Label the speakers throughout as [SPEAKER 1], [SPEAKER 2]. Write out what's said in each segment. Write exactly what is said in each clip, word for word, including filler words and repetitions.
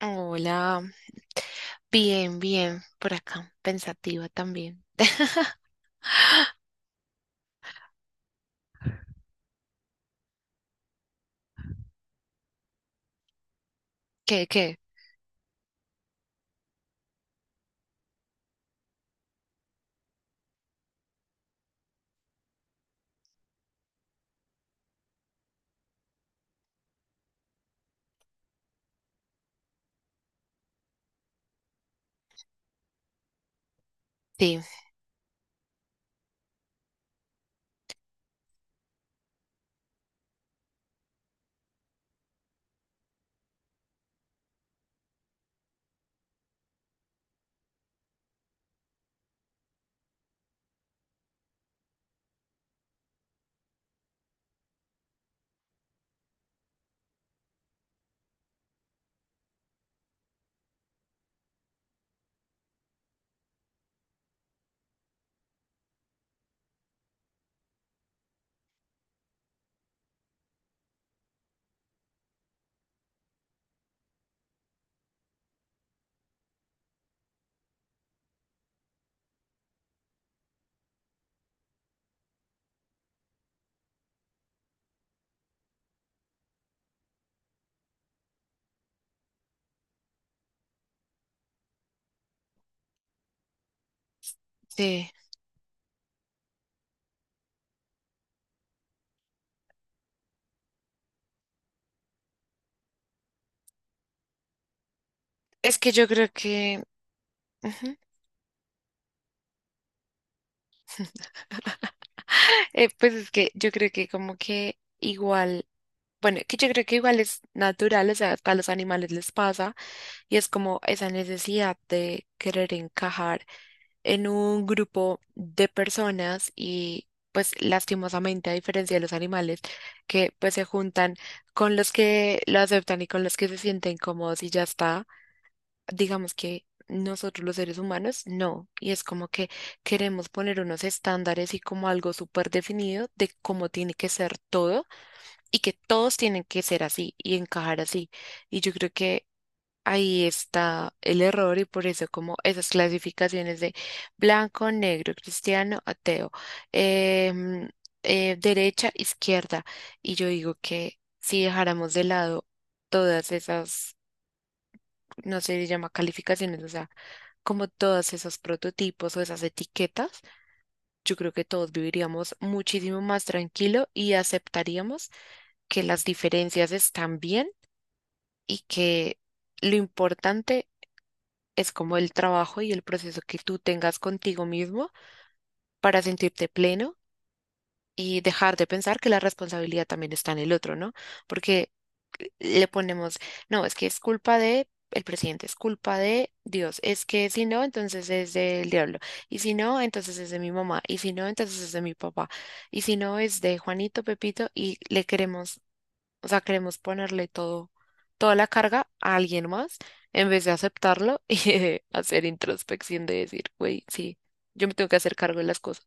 [SPEAKER 1] Hola, bien, bien, por acá, pensativa también. ¿Qué, qué? Sí, sí. Es que yo creo que, ujú. Eh, pues es que yo creo que como que igual, bueno, que yo creo que igual es natural, o sea, a los animales les pasa y es como esa necesidad de querer encajar en un grupo de personas y pues lastimosamente a diferencia de los animales que pues se juntan con los que lo aceptan y con los que se sienten cómodos y ya está, digamos que nosotros los seres humanos no, y es como que queremos poner unos estándares y como algo súper definido de cómo tiene que ser todo y que todos tienen que ser así y encajar así. Y yo creo que ahí está el error y por eso como esas clasificaciones de blanco, negro, cristiano, ateo, em, eh, derecha, izquierda. Y yo digo que si dejáramos de lado todas esas, no sé, se llama calificaciones, o sea, como todos esos prototipos o esas etiquetas, yo creo que todos viviríamos muchísimo más tranquilo y aceptaríamos que las diferencias están bien y que... Lo importante es como el trabajo y el proceso que tú tengas contigo mismo para sentirte pleno y dejar de pensar que la responsabilidad también está en el otro, ¿no? Porque le ponemos, no, es que es culpa de el presidente, es culpa de Dios, es que si no, entonces es del diablo, y si no, entonces es de mi mamá, y si no, entonces es de mi papá, y si no, es de Juanito, Pepito, y le queremos, o sea, queremos ponerle todo, toda la carga a alguien más en vez de aceptarlo y de hacer introspección de decir, güey, sí, yo me tengo que hacer cargo de las cosas.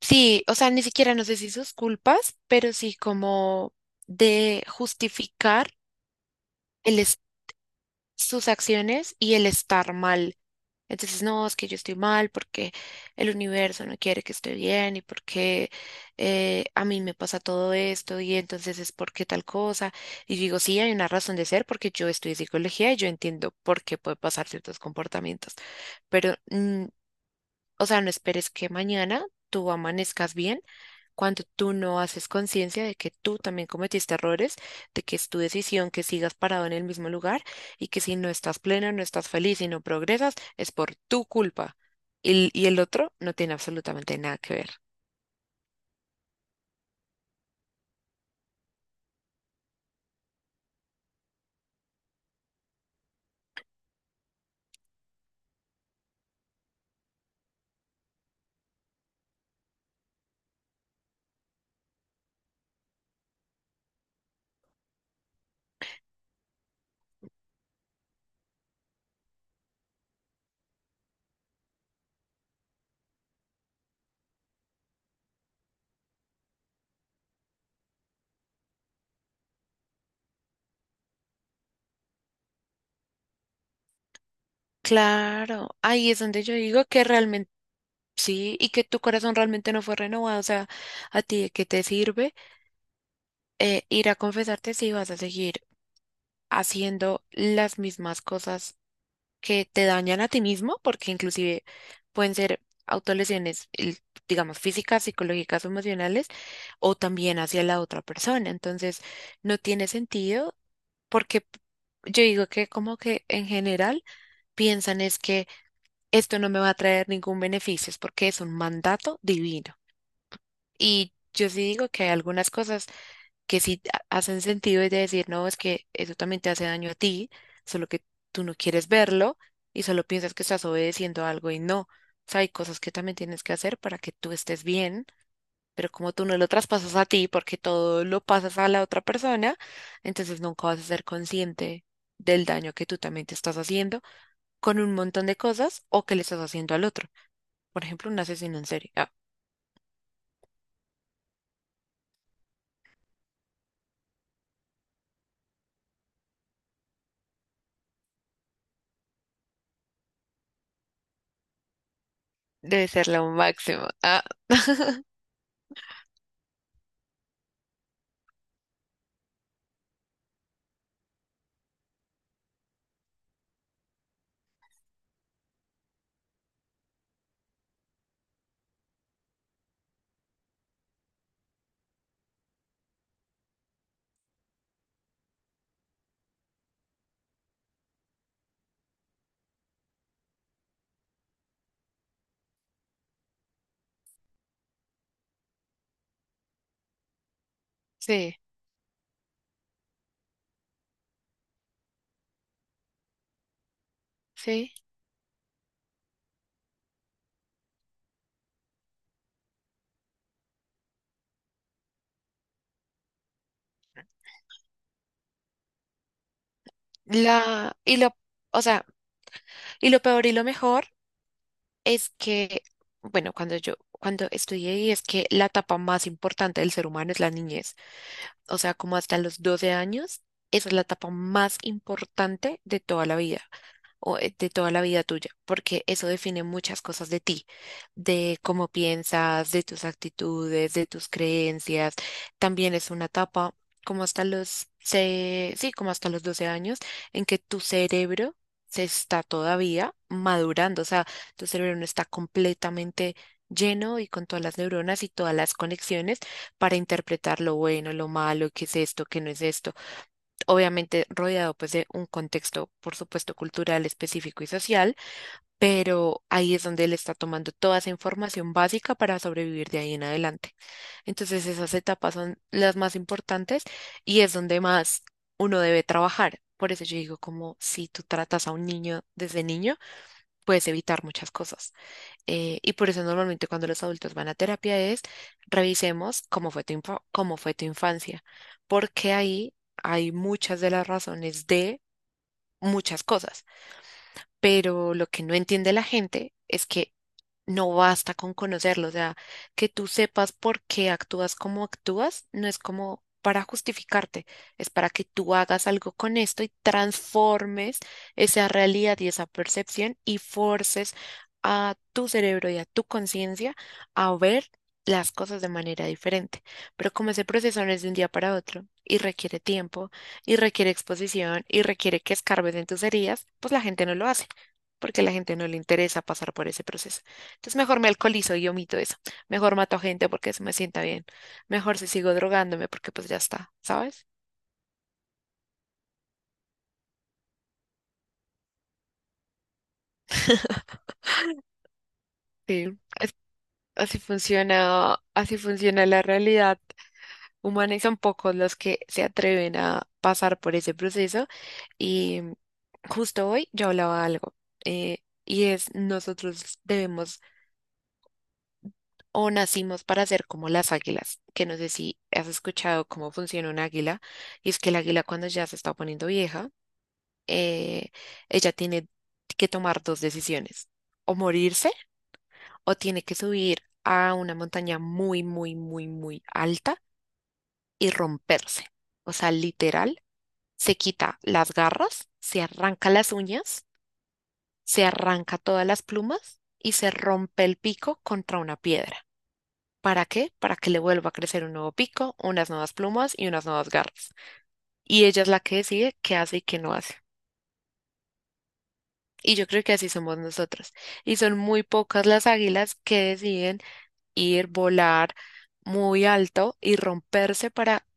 [SPEAKER 1] Sí, o sea, ni siquiera no sé si sus culpas, pero sí como de justificar el es- sus acciones y el estar mal. Entonces, no, es que yo estoy mal porque el universo no quiere que esté bien y porque eh, a mí me pasa todo esto y entonces es porque tal cosa. Y yo digo, sí, hay una razón de ser porque yo estudié psicología y yo entiendo por qué puede pasar ciertos comportamientos, pero mm, o sea, no esperes que mañana tú amanezcas bien cuando tú no haces conciencia de que tú también cometiste errores, de que es tu decisión que sigas parado en el mismo lugar y que si no estás pleno, no estás feliz y no progresas, es por tu culpa. Y, y el otro no tiene absolutamente nada que ver. Claro, ahí es donde yo digo que realmente sí y que tu corazón realmente no fue renovado. O sea, ¿a ti de qué te sirve eh, ir a confesarte si vas a seguir haciendo las mismas cosas, que te dañan a ti mismo? Porque inclusive pueden ser autolesiones, el- digamos, físicas, psicológicas o emocionales, o también hacia la otra persona. Entonces, no tiene sentido porque p- yo digo que como que en general piensan es que esto no me va a traer ningún beneficio, es porque es un mandato divino. Y yo sí digo que hay algunas cosas que sí ha- hacen sentido, es de decir, no, es que eso también te hace daño a ti, solo que tú no quieres verlo y solo piensas que estás obedeciendo algo y no. O sea, hay cosas que también tienes que hacer para que tú estés bien, pero como tú no lo traspasas a ti porque todo lo pasas a la otra persona, entonces nunca vas a ser consciente del daño que tú también te estás haciendo con un montón de cosas o que le estás haciendo al otro. Por ejemplo, un asesino en serie. Ah, debe ser lo máximo. Ah. Sí, sí. La, y lo, o sea, y lo peor y lo mejor es que, bueno, cuando yo, cuando estudié ahí es que la etapa más importante del ser humano es la niñez. O sea, como hasta los doce años, esa es la etapa más importante de toda la vida. O eh, de toda la vida tuya, porque eso define muchas cosas de ti, de cómo piensas, de tus actitudes, de tus creencias. También es una etapa como hasta los, se- sí, como hasta los doce años en que tu cerebro se está todavía madurando, o sea, tu cerebro no está completamente lleno y con todas las neuronas y todas las conexiones para interpretar lo bueno, lo malo, qué es esto, qué no es esto, obviamente rodeado pues de un contexto, por supuesto, cultural específico y social, pero ahí es donde él está tomando toda esa información básica para sobrevivir de ahí en adelante. Entonces esas etapas son las más importantes y es donde más uno debe trabajar. Por eso yo digo, como si tú tratas a un niño desde niño, puedes evitar muchas cosas. Eh, y por eso normalmente cuando los adultos van a terapia es revisemos cómo fue tu infa- cómo fue tu infancia, porque ahí hay muchas de las razones de muchas cosas, pero lo que no entiende la gente es que no basta con conocerlo, o sea, que tú sepas por qué actúas como actúas, no es como para justificarte, es para que tú hagas algo con esto y transformes esa realidad y esa percepción y forces a tu cerebro y a tu conciencia a ver las cosas de manera diferente. Pero como ese proceso no es de un día para otro y requiere tiempo y requiere exposición y requiere que escarbes en tus heridas, pues la gente no lo hace porque a la gente no le interesa pasar por ese proceso. Entonces mejor me alcoholizo y omito eso. Mejor mato a gente porque eso me sienta bien. Mejor si sigo drogándome porque pues ya está, ¿sabes? Sí. Es- así funciona, así funciona la realidad humana y son pocos los que se atreven a pasar por ese proceso. Y justo hoy yo hablaba algo, eh, y es nosotros debemos o nacimos para ser como las águilas, que no sé si has escuchado cómo funciona un águila, y es que el águila cuando ya se está poniendo vieja, eh, ella tiene que tomar dos decisiones, o morirse o tiene que subir a una montaña muy, muy, muy, muy alta y romperse. O sea, literal, se quita las garras, se arranca las uñas, se arranca todas las plumas y se rompe el pico contra una piedra. ¿Para qué? Para que le vuelva a crecer un nuevo pico, unas nuevas plumas y unas nuevas garras. Y ella es la que decide qué hace y qué no hace. Y yo creo que así somos nosotros. Y son muy pocas las águilas que deciden ir, volar muy alto y romperse para,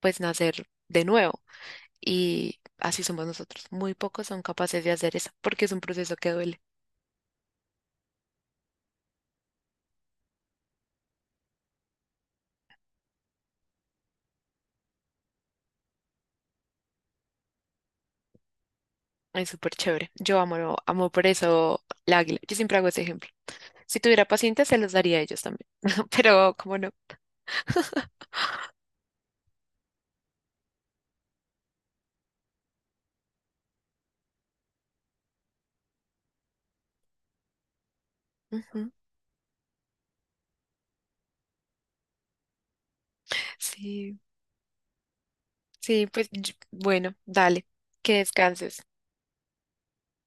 [SPEAKER 1] pues, nacer de nuevo. Y así somos nosotros. Muy pocos son capaces de hacer eso porque es un proceso que duele. Es súper chévere. Yo amo, amo por eso la águila. Yo siempre hago ese ejemplo. Si tuviera pacientes, se los daría a ellos también. Pero, como no? Ujú. Sí, sí, pues, yo- bueno, dale. Que descanses.